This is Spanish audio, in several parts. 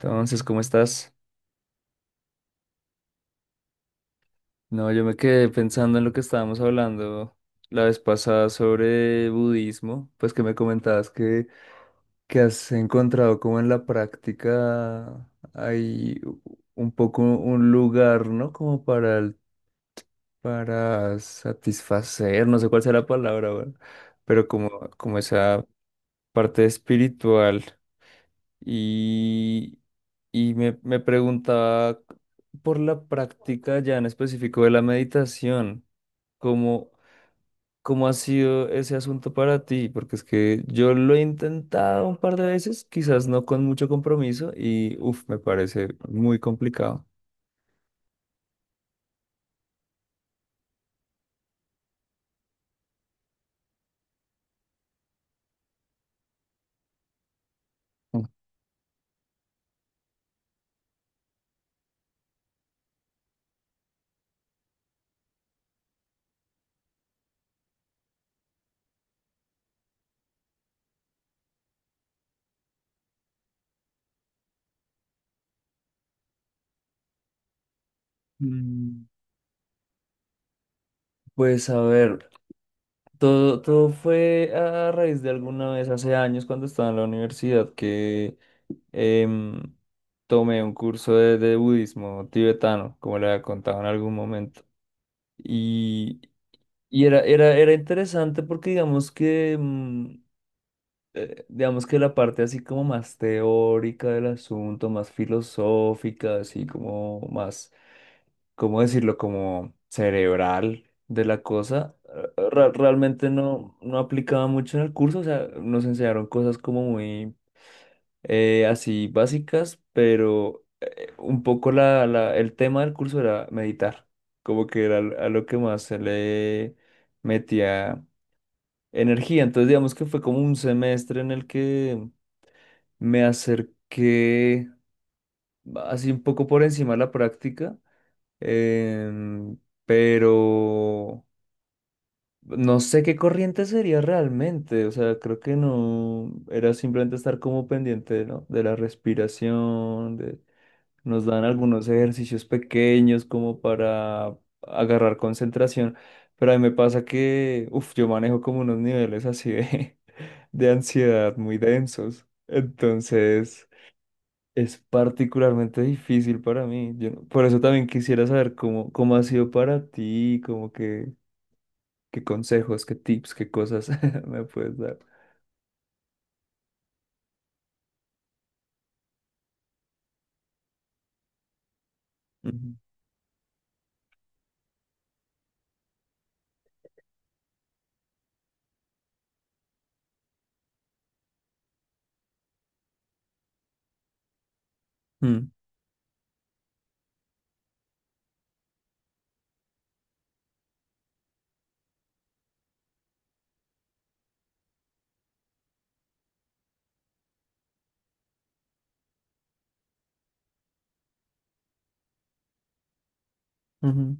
Entonces, ¿cómo estás? No, yo me quedé pensando en lo que estábamos hablando la vez pasada sobre budismo, pues que me comentabas que has encontrado como en la práctica hay un poco un lugar, ¿no? Como para, para satisfacer, no sé cuál sea la palabra, ¿verdad? Pero como esa parte espiritual. Y, y me preguntaba por la práctica ya en específico de la meditación, ¿cómo, cómo ha sido ese asunto para ti? Porque es que yo lo he intentado un par de veces, quizás no con mucho compromiso, y uff, me parece muy complicado. Mm. Mm. Pues a ver, todo fue a raíz de alguna vez hace años cuando estaba en la universidad que Em, tomé un curso de budismo tibetano, como le había contado en algún momento. Y, y era interesante porque digamos que la parte así como más teórica del asunto, más filosófica, así como más, ¿cómo decirlo? Como cerebral de la cosa, realmente no aplicaba mucho en el curso, o sea, nos enseñaron cosas como muy así básicas, pero un poco el tema del curso era meditar, como que era a lo que más se le metía energía. Entonces, digamos que fue como un semestre en el que me acerqué así un poco por encima de la práctica, em, pero no sé qué corriente sería realmente, o sea, creo que no, era simplemente estar como pendiente, ¿no? De la respiración. Nos dan algunos ejercicios pequeños como para agarrar concentración, pero a mí me pasa que, uff, yo manejo como unos niveles así de, de ansiedad muy densos. Entonces, es particularmente difícil para mí. Yo no- por eso también quisiera saber cómo ha sido para ti, como que, qué consejos, qué tips, qué cosas me puedes dar. Ujú. Mm. Ujú.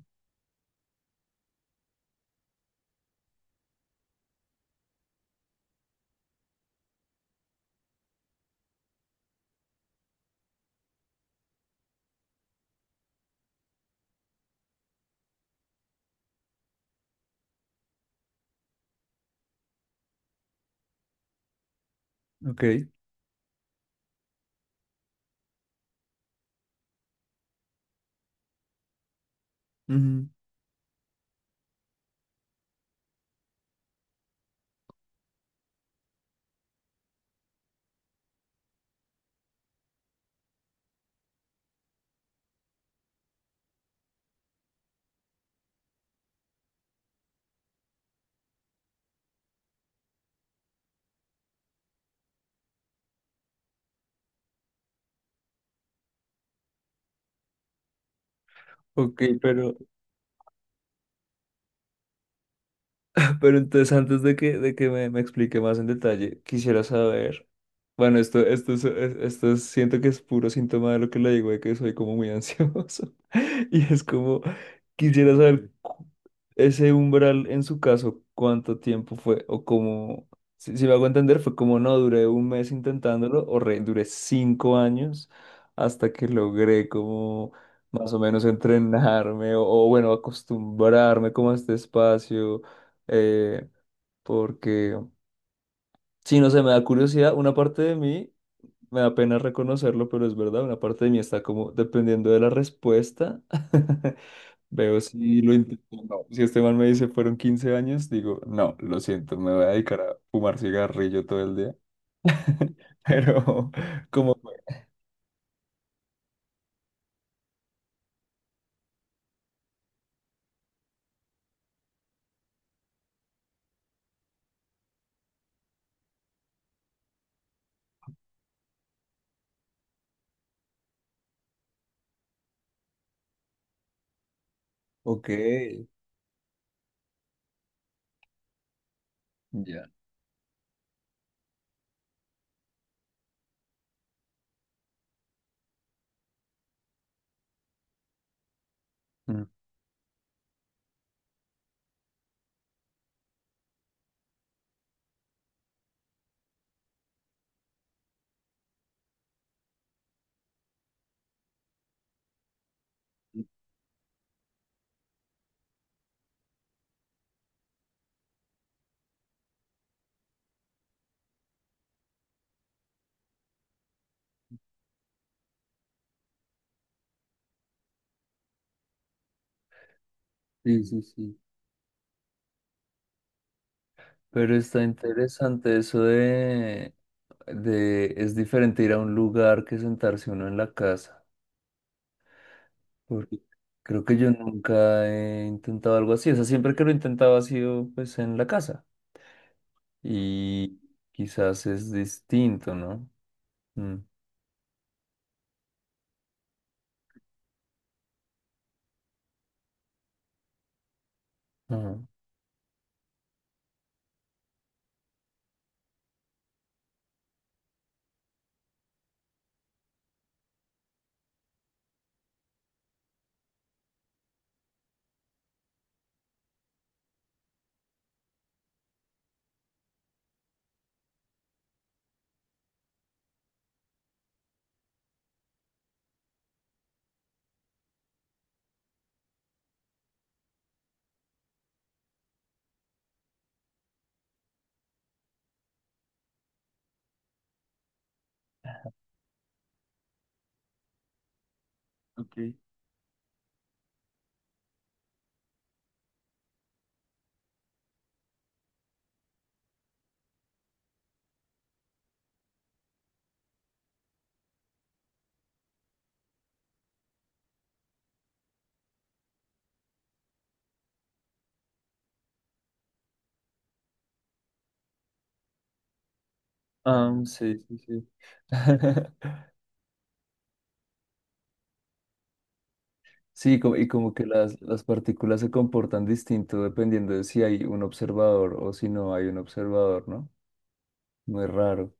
Ok. Ujú. Ok, pero. Pero entonces, antes de que me explique más en detalle, quisiera saber, bueno, esto es, siento que es puro síntoma de lo que le digo, de que soy como muy ansioso. Y es como, quisiera saber ese umbral en su caso, cuánto tiempo fue, o cómo, si me hago entender, fue como no, duré un mes intentándolo, o duré cinco años hasta que logré como más o menos entrenarme, o bueno, acostumbrarme como a este espacio eh, porque, si no sé, me da curiosidad, una parte de mí, me da pena reconocerlo, pero es verdad, una parte de mí está como, dependiendo de la respuesta, veo si lo intento o no. Si este man me dice fueron 15 años, digo, no, lo siento, me voy a dedicar a fumar cigarrillo todo el día. Pero, ¿como fue? Ok, ya. Mm. Sí, sí, sí. Pero está interesante eso de, es diferente ir a un lugar que sentarse uno en la casa. Porque creo que yo nunca he intentado algo así. O sea, siempre que lo he intentado ha sido pues en la casa. Y quizás es distinto, ¿no? Mm, ajá. Ok. Ah, sí, sí, sí. Sí, y como que las partículas se comportan distinto dependiendo de si hay un observador o si no hay un observador, ¿no? Muy raro.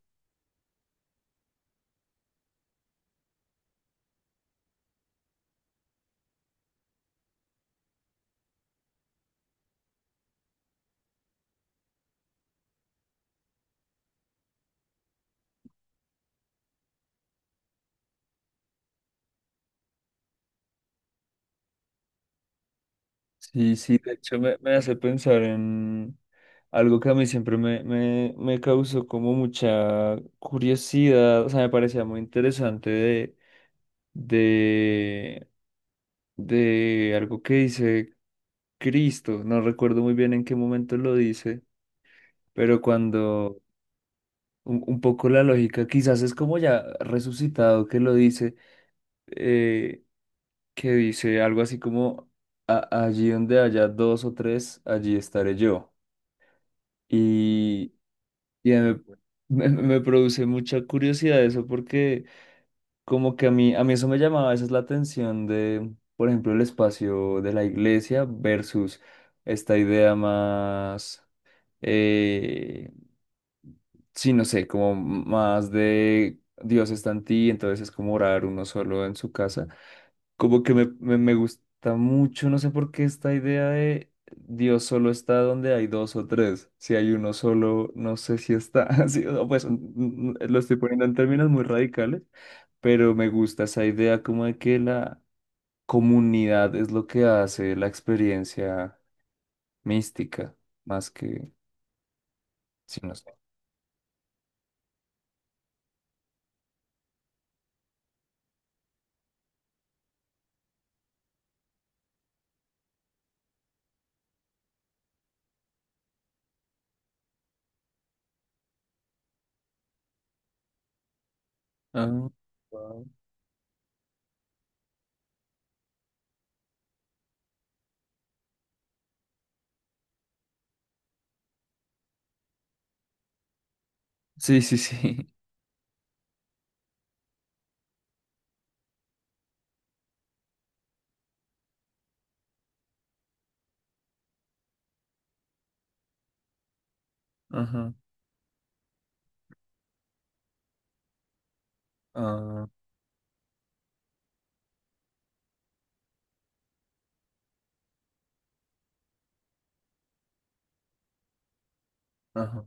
Sí, sí, de hecho me hace pensar en algo que a mí siempre me causó como mucha curiosidad, o sea, me parecía muy interesante de, de algo que dice Cristo, no recuerdo muy bien en qué momento lo dice, pero cuando un poco la lógica, quizás es como ya resucitado que lo dice, eh, que dice algo así como, "Allí donde haya dos o tres, allí estaré yo." Y, y me produce mucha curiosidad eso porque como que a mí eso me llamaba esa es la atención de, por ejemplo, el espacio de la iglesia versus esta idea más, eh, sí, no sé, como más de Dios está en ti, entonces es como orar uno solo en su casa. Como que me gusta mucho, no sé por qué esta idea de Dios solo está donde hay dos o tres. Si hay uno solo, no sé si está. Así o pues lo estoy poniendo en términos muy radicales, pero me gusta esa idea como de que la comunidad es lo que hace la experiencia mística, más que, sí, no sé. Ah, wow. Sí, sí, sí. Ajá. Ah, ajá.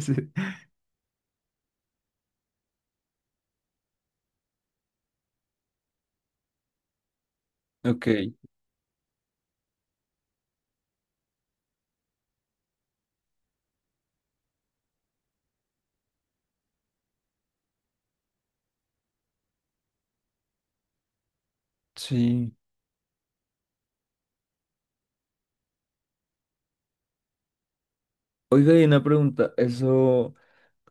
Sí. Ok, sí. Oiga, y una pregunta, eso.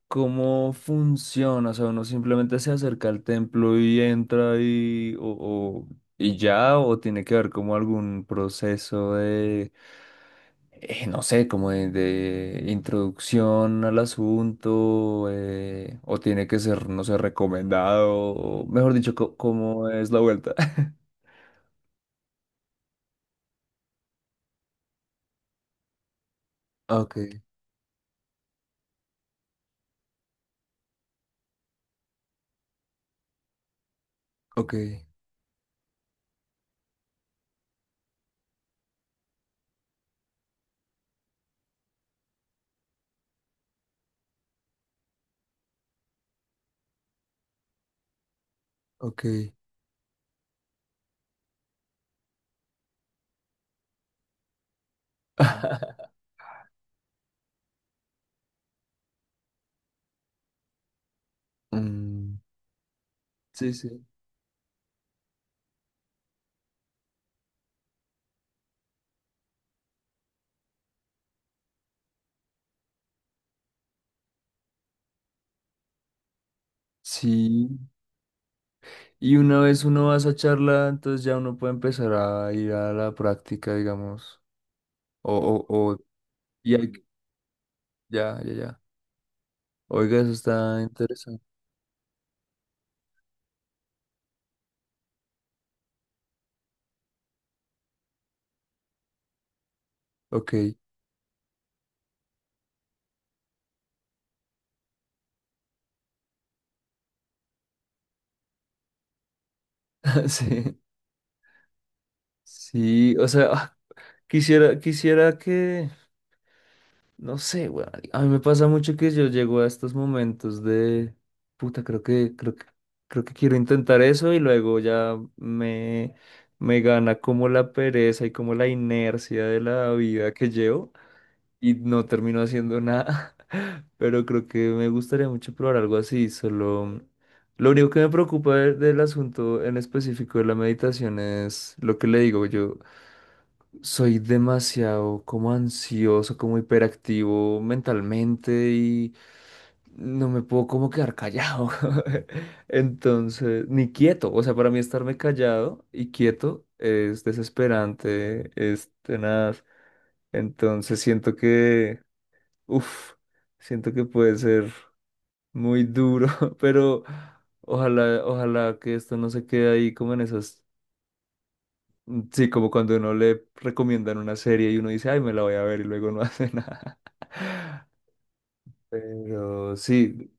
¿Cómo funciona? O sea, uno simplemente se acerca al templo y entra y, o, o- y ya, o tiene que haber como algún proceso de, no sé, como de introducción al asunto, o tiene que ser, no sé, recomendado, o mejor dicho, ¿cómo es la vuelta? Ok, ok, ok. Mm. Sí, sí. Sí. Y una vez uno va a esa charla, entonces ya uno puede empezar a ir a la práctica, digamos. O, o, o, y hay- ya, ya, ya. Oiga, eso está interesante. Ok. Sí. Sí, o sea, ah, quisiera, quisiera que, no sé, weón. A mí me pasa mucho que yo llego a estos momentos de, puta, creo que quiero intentar eso y luego ya me gana como la pereza y como la inercia de la vida que llevo. Y no termino haciendo nada. Pero creo que me gustaría mucho probar algo así. Solo lo único que me preocupa del asunto en específico de la meditación es lo que le digo. Yo soy demasiado como ansioso, como hiperactivo mentalmente y no me puedo como quedar callado. Entonces, ni quieto. O sea, para mí estarme callado y quieto es desesperante, es tenaz. Entonces siento que Uf, siento que puede ser muy duro, pero ojalá, ojalá que esto no se quede ahí como en esas, sí, como cuando uno le recomiendan una serie y uno dice, ay, me la voy a ver y luego no hace nada. Pero sí.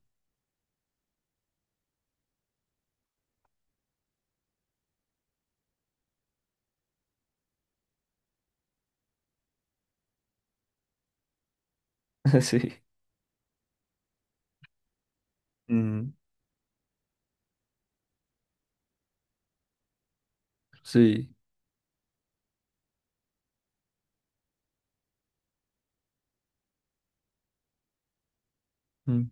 Sí, mm, sí, mm,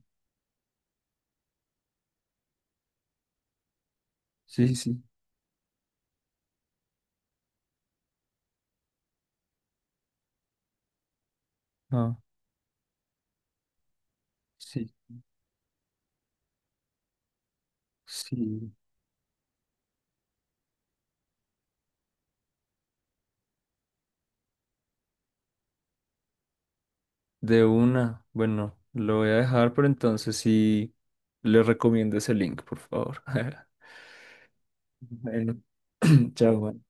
sí, sí, ah, sí, sí. De una, bueno, lo voy a dejar, pero entonces sí, le recomiendo ese link, por favor. Bueno, chao. Juan.